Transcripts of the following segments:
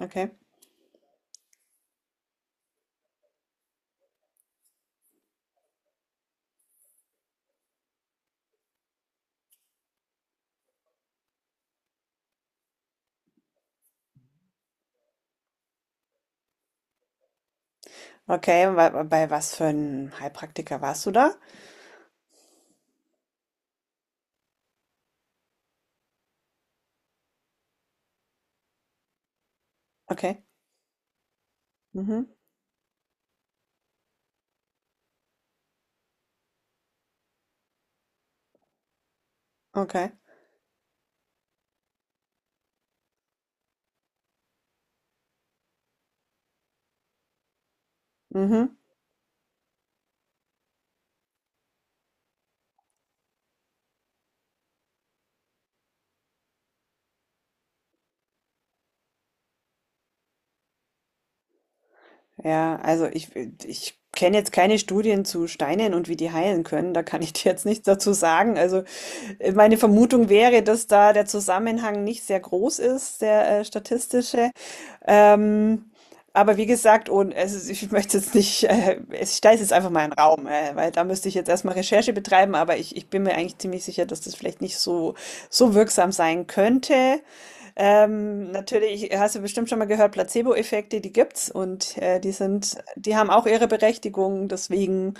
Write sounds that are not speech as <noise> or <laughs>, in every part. Okay. Okay, und bei was für einem Heilpraktiker warst du da? Okay. Mhm. Okay. Mhm. Ja, also ich kenne jetzt keine Studien zu Steinen und wie die heilen können. Da kann ich dir jetzt nichts dazu sagen. Also meine Vermutung wäre, dass da der Zusammenhang nicht sehr groß ist, der statistische. Ähm, aber wie gesagt, ich möchte jetzt nicht, ich stelle es jetzt einfach mal in den Raum, weil da müsste ich jetzt erstmal Recherche betreiben, aber ich bin mir eigentlich ziemlich sicher, dass das vielleicht nicht so wirksam sein könnte. Natürlich hast du bestimmt schon mal gehört, Placebo-Effekte, die gibt's, und die haben auch ihre Berechtigung. Deswegen,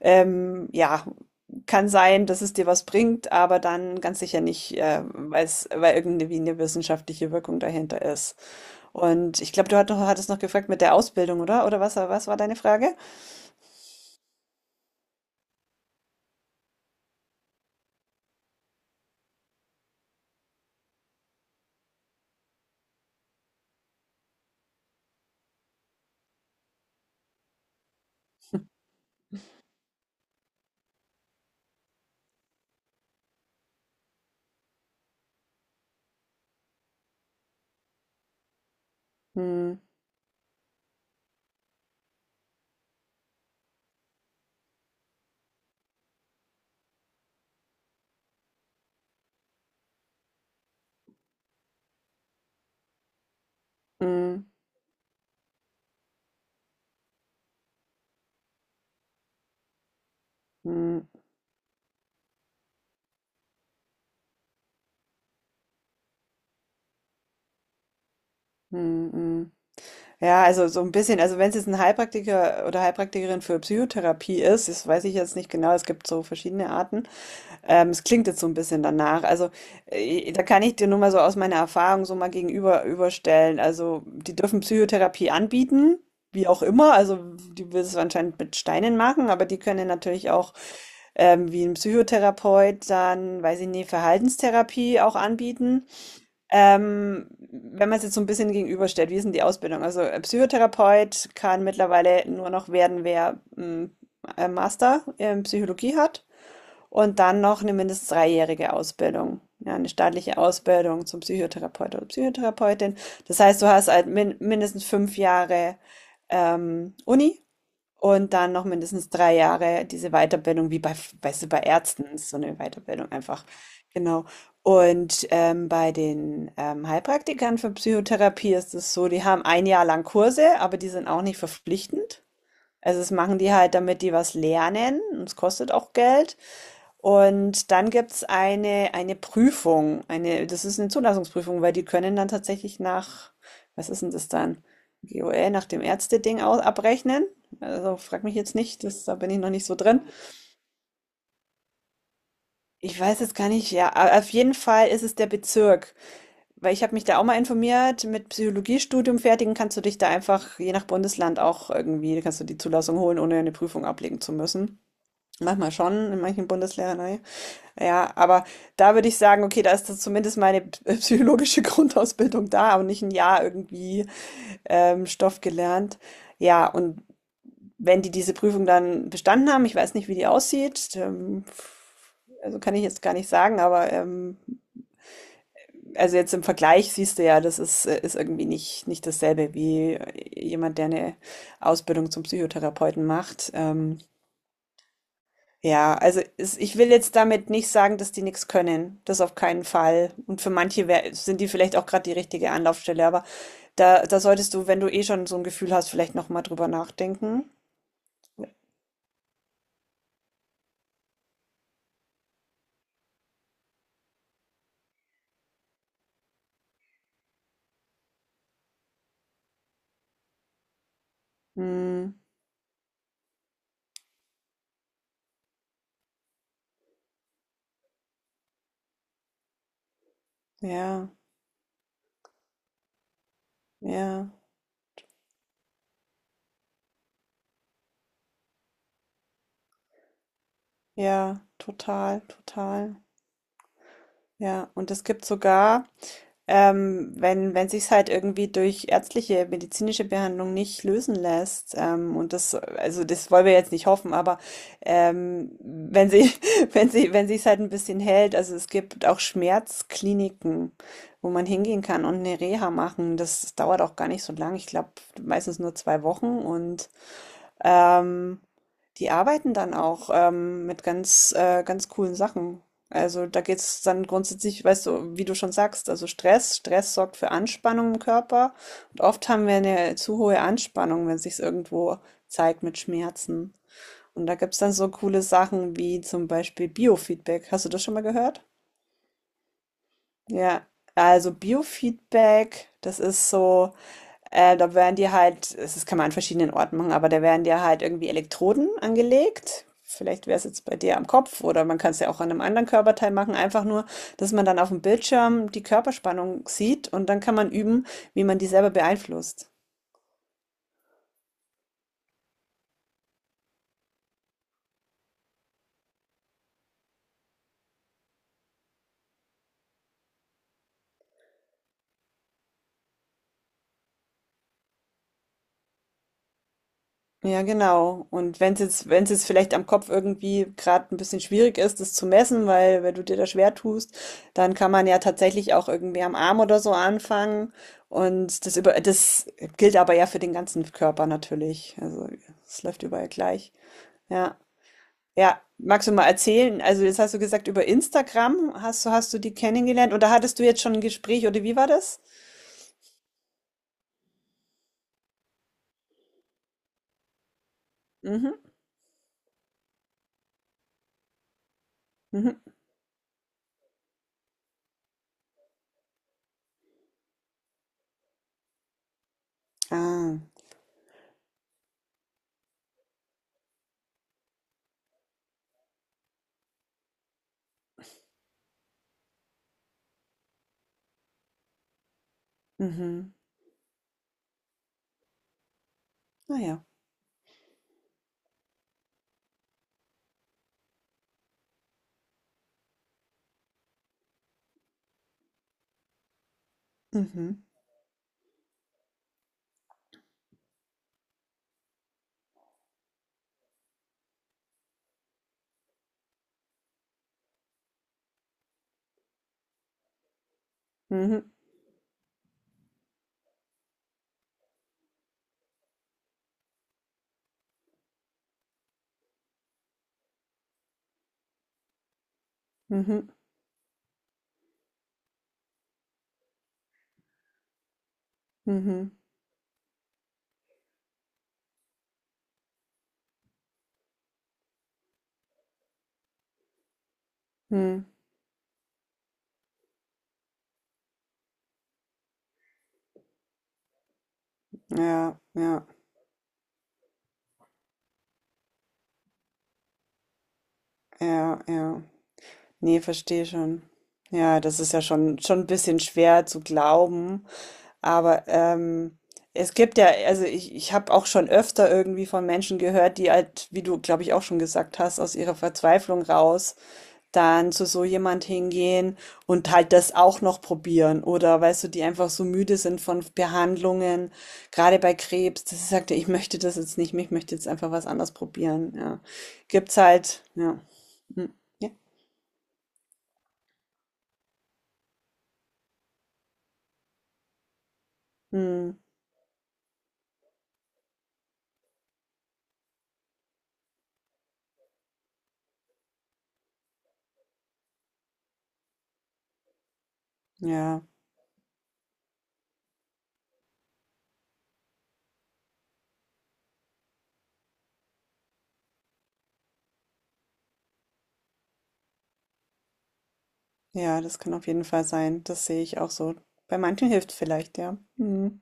ja, kann sein, dass es dir was bringt, aber dann ganz sicher nicht, weil irgendwie eine wissenschaftliche Wirkung dahinter ist. Und ich glaube, du hattest noch gefragt mit der Ausbildung, oder? Oder was war deine Frage? Hm, hm, hm, hm, hm. Hm. Ja, also so ein bisschen, also wenn es jetzt ein Heilpraktiker oder Heilpraktikerin für Psychotherapie ist, das weiß ich jetzt nicht genau, es gibt so verschiedene Arten. Es klingt jetzt so ein bisschen danach. Also da kann ich dir nur mal so aus meiner Erfahrung so mal gegenüber überstellen. Also die dürfen Psychotherapie anbieten, wie auch immer. Also die will es anscheinend mit Steinen machen, aber die können natürlich auch wie ein Psychotherapeut dann, weiß ich nicht, Verhaltenstherapie auch anbieten. Wenn man es jetzt so ein bisschen gegenüberstellt, wie ist denn die Ausbildung? Also, Psychotherapeut kann mittlerweile nur noch werden, wer, Master in Psychologie hat und dann noch eine mindestens dreijährige Ausbildung, ja, 'ne staatliche Ausbildung zum Psychotherapeut oder Psychotherapeutin. Das heißt, du hast halt mindestens 5 Jahre Uni und dann noch mindestens 3 Jahre diese Weiterbildung, wie bei, weißt du, bei Ärzten ist so eine Weiterbildung einfach. Genau. Und bei den Heilpraktikern für Psychotherapie ist es so, die haben ein Jahr lang Kurse, aber die sind auch nicht verpflichtend. Also das machen die halt, damit die was lernen. Und es kostet auch Geld. Und dann gibt's eine Prüfung, eine das ist eine Zulassungsprüfung, weil die können dann tatsächlich nach — was ist denn das dann? — GOL nach dem Ärzteding au abrechnen. Also, frag mich jetzt nicht, das, da bin ich noch nicht so drin. Ich weiß jetzt gar nicht, ja, a auf jeden Fall ist es der Bezirk, weil ich habe mich da auch mal informiert, mit Psychologiestudium fertigen kannst du dich da einfach je nach Bundesland auch irgendwie kannst du die Zulassung holen, ohne eine Prüfung ablegen zu müssen. Manchmal schon, in manchen Bundesländern, ne? Ja, aber da würde ich sagen, okay, da ist das zumindest meine psychologische <laughs> Grundausbildung da und nicht ein Jahr irgendwie Stoff gelernt. Ja, und wenn die diese Prüfung dann bestanden haben, ich weiß nicht, wie die aussieht, also kann ich jetzt gar nicht sagen, aber also jetzt im Vergleich siehst du ja, das ist, ist irgendwie nicht, nicht dasselbe wie jemand, der eine Ausbildung zum Psychotherapeuten macht. Ja, also es, ich will jetzt damit nicht sagen, dass die nichts können. Das auf keinen Fall. Und für manche wär, sind die vielleicht auch gerade die richtige Anlaufstelle. Aber da solltest du, wenn du eh schon so ein Gefühl hast, vielleicht nochmal drüber nachdenken. Hm, ja, ja, ja, total, total. Ja, und es gibt sogar. Wenn sich's halt irgendwie durch ärztliche, medizinische Behandlung nicht lösen lässt, und das, also das wollen wir jetzt nicht hoffen, aber wenn sie, <laughs> wenn sich's halt ein bisschen hält, also es gibt auch Schmerzkliniken, wo man hingehen kann und eine Reha machen. Das dauert auch gar nicht so lang. Ich glaube, meistens nur 2 Wochen, und ähm, die arbeiten dann auch mit ganz coolen Sachen. Also da geht es dann grundsätzlich, weißt du, wie du schon sagst, also Stress, Stress sorgt für Anspannung im Körper. Und oft haben wir eine zu hohe Anspannung, wenn sich's irgendwo zeigt mit Schmerzen. Und da gibt es dann so coole Sachen wie zum Beispiel Biofeedback. Hast du das schon mal gehört? Ja, also Biofeedback, das ist so. Da werden dir halt, das kann man an verschiedenen Orten machen, aber da werden dir halt irgendwie Elektroden angelegt. Vielleicht wäre es jetzt bei dir am Kopf, oder man kann es ja auch an einem anderen Körperteil machen. Einfach nur, dass man dann auf dem Bildschirm die Körperspannung sieht und dann kann man üben, wie man die selber beeinflusst. Ja, genau. Und wenn es jetzt, wenn es jetzt vielleicht am Kopf irgendwie gerade ein bisschen schwierig ist, das zu messen, weil wenn du dir da schwer tust, dann kann man ja tatsächlich auch irgendwie am Arm oder so anfangen. Und das gilt aber ja für den ganzen Körper natürlich. Also es läuft überall gleich. Ja. Ja, magst du mal erzählen? Also jetzt hast du gesagt, über Instagram hast du die kennengelernt, oder hattest du jetzt schon ein Gespräch, oder wie war das? Mhm. Mhm. Ah. Mhm. Naja. Mhm. Mhm. Mhm. Mhm. Mhm. Ja, ja, ja, ja. Ne, verstehe schon. Ja, das ist ja schon 'n bisschen schwer zu glauben, aber, es gibt ja also, ich habe auch schon öfter irgendwie von Menschen gehört, die halt, wie du, glaube ich, auch schon gesagt hast, aus ihrer Verzweiflung raus dann zu so jemand hingehen und halt das auch noch probieren, oder weißt du, die einfach so müde sind von Behandlungen, gerade bei Krebs, dass sie sagte: „Ich möchte das jetzt nicht mehr, ich möchte jetzt einfach was anderes probieren“, ja. Gibt's halt, ja. Hm, ja. Mhm. Ja, ja, das kann auf jeden Fall sein. Das sehe ich auch so. Bei manchen hilft vielleicht, ja. Mhm.